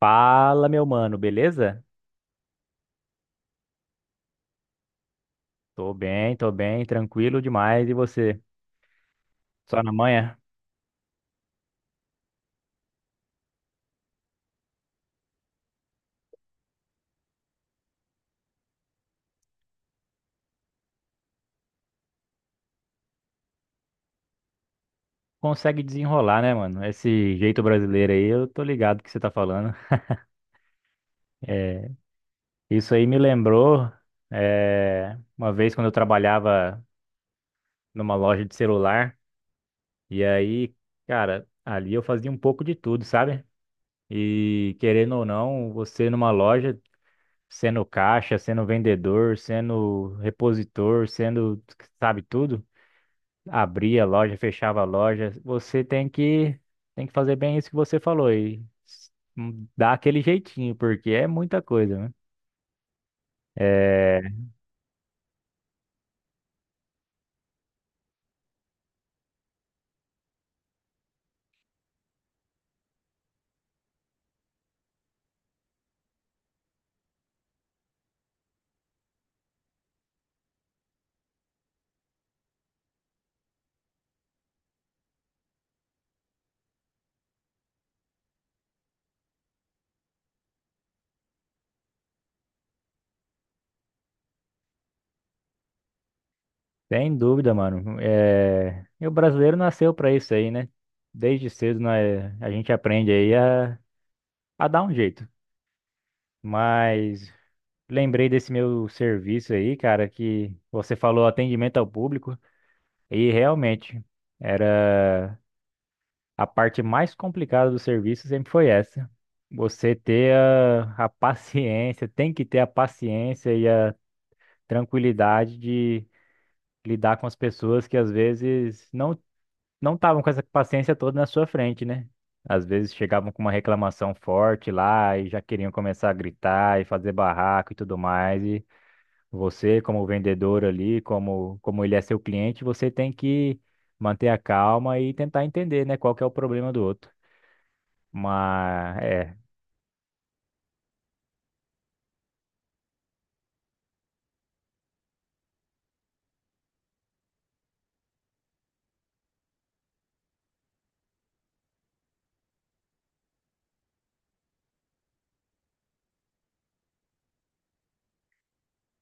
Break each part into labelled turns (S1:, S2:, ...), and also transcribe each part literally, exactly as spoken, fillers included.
S1: Fala, meu mano, beleza? Tô bem, tô bem, tranquilo demais. E você? Só na manhã? Consegue desenrolar, né, mano? Esse jeito brasileiro aí, eu tô ligado que você tá falando. É, isso aí me lembrou, é, uma vez quando eu trabalhava numa loja de celular. E aí, cara, ali eu fazia um pouco de tudo, sabe? E querendo ou não, você numa loja, sendo caixa, sendo vendedor, sendo repositor, sendo, sabe, tudo. Abria a loja, fechava a loja. Você tem que tem que fazer bem isso que você falou e s- hum, dar aquele jeitinho, porque é muita coisa, né? É, sem dúvida, mano. É, e o brasileiro nasceu pra isso aí, né? Desde cedo, né, a gente aprende aí a, a dar um jeito. Mas lembrei desse meu serviço aí, cara, que você falou atendimento ao público e realmente era. A parte mais complicada do serviço sempre foi essa. Você ter a, a paciência, tem que ter a paciência e a tranquilidade de lidar com as pessoas que às vezes não não estavam com essa paciência toda na sua frente, né? Às vezes chegavam com uma reclamação forte lá e já queriam começar a gritar e fazer barraco e tudo mais. E você, como vendedor ali, como como ele é seu cliente, você tem que manter a calma e tentar entender, né, qual que é o problema do outro. Mas, é,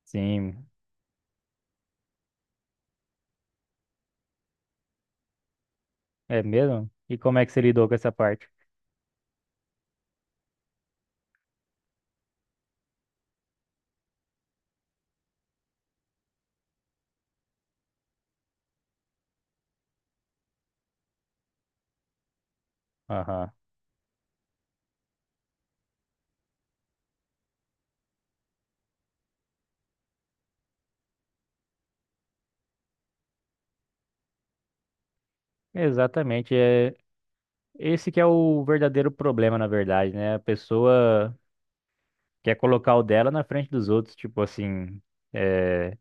S1: sim, é mesmo? E como é que você lidou com essa parte? Aham. Exatamente, é esse que é o verdadeiro problema, na verdade, né? A pessoa quer colocar o dela na frente dos outros, tipo assim, é,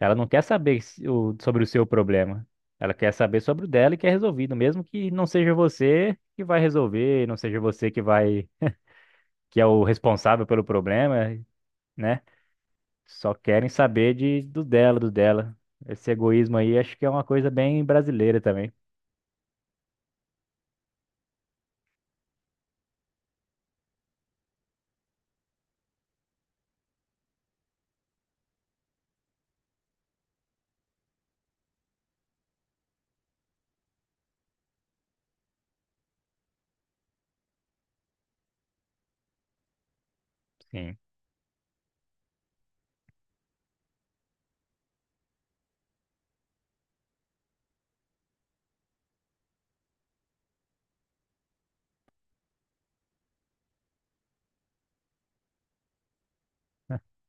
S1: ela não quer saber se- o- sobre o seu problema. Ela quer saber sobre o dela e quer resolvido, mesmo que não seja você que vai resolver, não seja você que vai, que é o responsável pelo problema, né? Só querem saber de do dela, do dela. Esse egoísmo aí acho que é uma coisa bem brasileira também. Sim.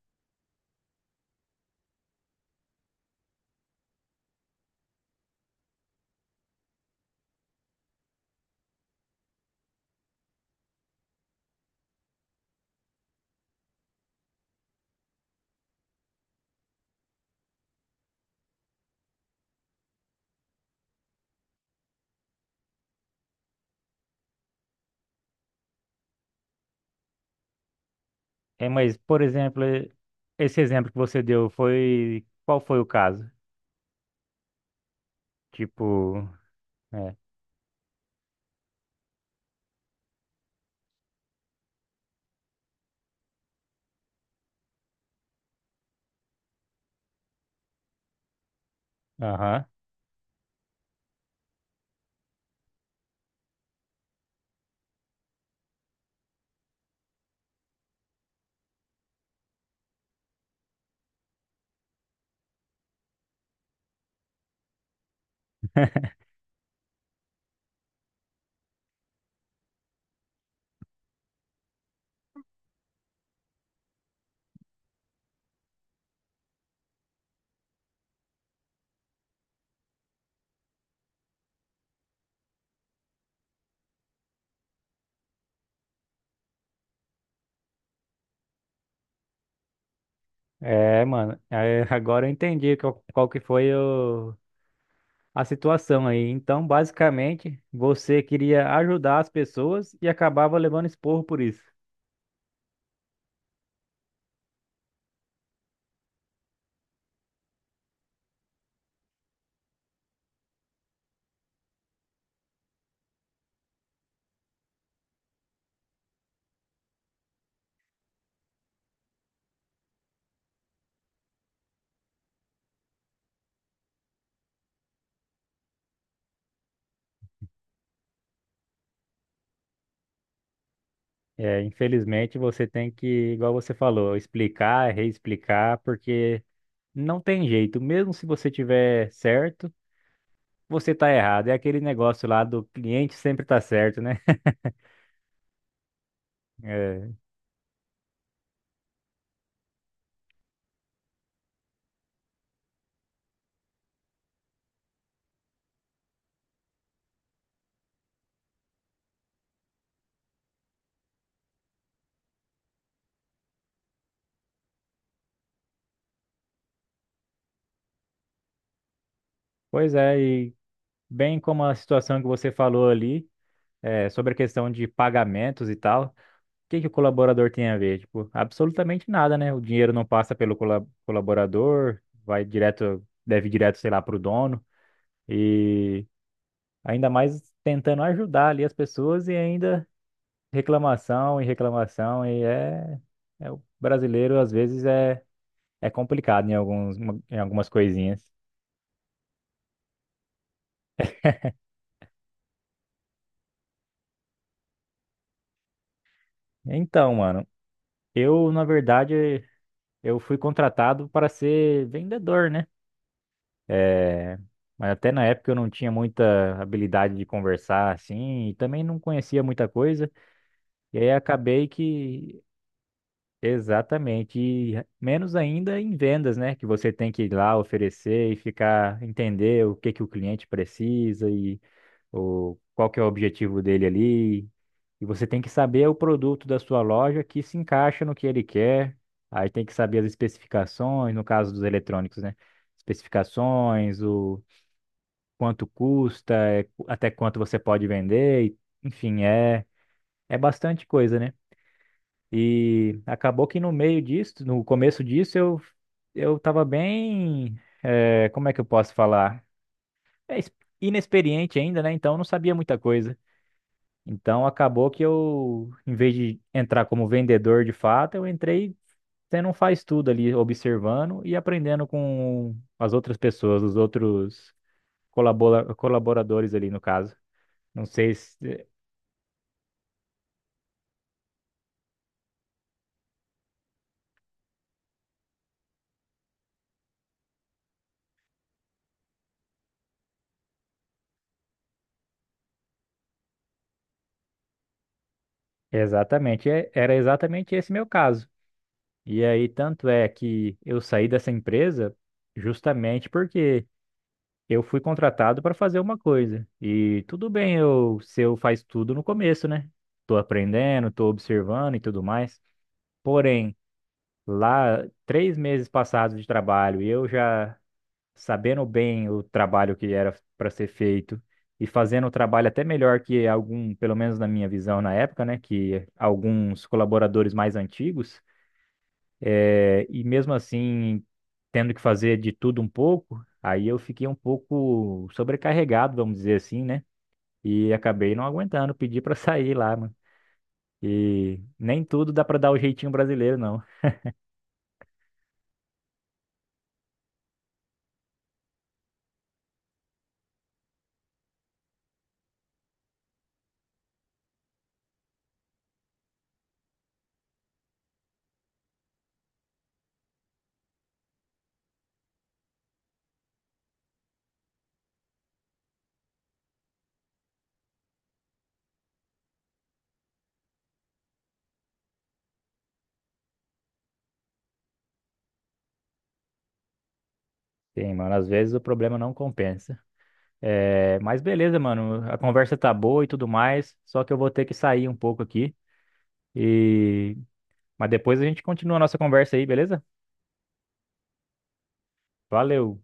S1: É, mas, por exemplo, eh, esse exemplo que você deu foi. Qual foi o caso? Tipo. É. Aham. É, mano. É, agora eu entendi qual, qual que foi o, a situação aí. Então, basicamente, você queria ajudar as pessoas e acabava levando esporro por isso. É, infelizmente, você tem que, igual você falou, explicar, reexplicar, porque. Não tem jeito, mesmo se você tiver certo, você tá errado. É aquele negócio lá do cliente sempre tá certo, né? É, pois é, e bem como a situação que você falou ali, é, sobre a questão de pagamentos e tal, o que que o colaborador tem a ver? Tipo, absolutamente nada, né? O dinheiro não passa pelo cola- colaborador, vai direto, deve direto, sei lá, pro dono, e ainda mais tentando ajudar ali as pessoas e ainda. Reclamação e reclamação e é, é o brasileiro, às vezes é é complicado em alguns em algumas coisinhas. Então, mano, eu na verdade eu fui contratado para ser vendedor, né? É, mas até na época eu não tinha muita habilidade de conversar assim e também não conhecia muita coisa e aí acabei que. Exatamente, e menos ainda em vendas, né? Que você tem que ir lá oferecer e ficar entender o que que o cliente precisa, o, qual que é o objetivo dele ali. E você tem que saber o produto da sua loja que se encaixa no que ele quer. Aí tem que saber as especificações, no caso dos eletrônicos, né? Especificações, o quanto custa, é, até quanto você pode vender, e- enfim, é, é bastante coisa, né? E acabou que no meio disso, no começo disso, eu, eu tava bem, é, como é que eu posso falar? É, es- Inexperiente ainda, né? Então eu não sabia muita coisa. Então acabou que eu, em vez de entrar como vendedor de fato, eu entrei sendo um faz-tudo ali, observando e aprendendo com as outras pessoas, os outros colabora- colaboradores ali no caso. Não sei se é exatamente, é- era exatamente esse meu caso. E aí, tanto é que eu saí dessa empresa justamente porque eu fui contratado para fazer uma coisa. E tudo bem eu, se eu faz tudo no começo, né? Tô aprendendo, tô observando e tudo mais. Porém, lá, três meses passados de trabalho, e eu já sabendo bem o trabalho que era para ser feito e fazendo o trabalho até melhor que algum, pelo menos na minha visão na época, né, que alguns colaboradores mais antigos, eh, e mesmo assim tendo que fazer de tudo um pouco, aí eu fiquei um pouco sobrecarregado, vamos dizer assim, né, e acabei não aguentando, pedi para sair lá, mano. E nem tudo dá para dar o jeitinho brasileiro, não. Sim, mano, às vezes o problema não compensa. É, mas beleza, mano, a conversa tá boa e tudo mais, só que eu vou ter que sair um pouco aqui e, mas depois a gente continua a nossa conversa aí, beleza? Valeu.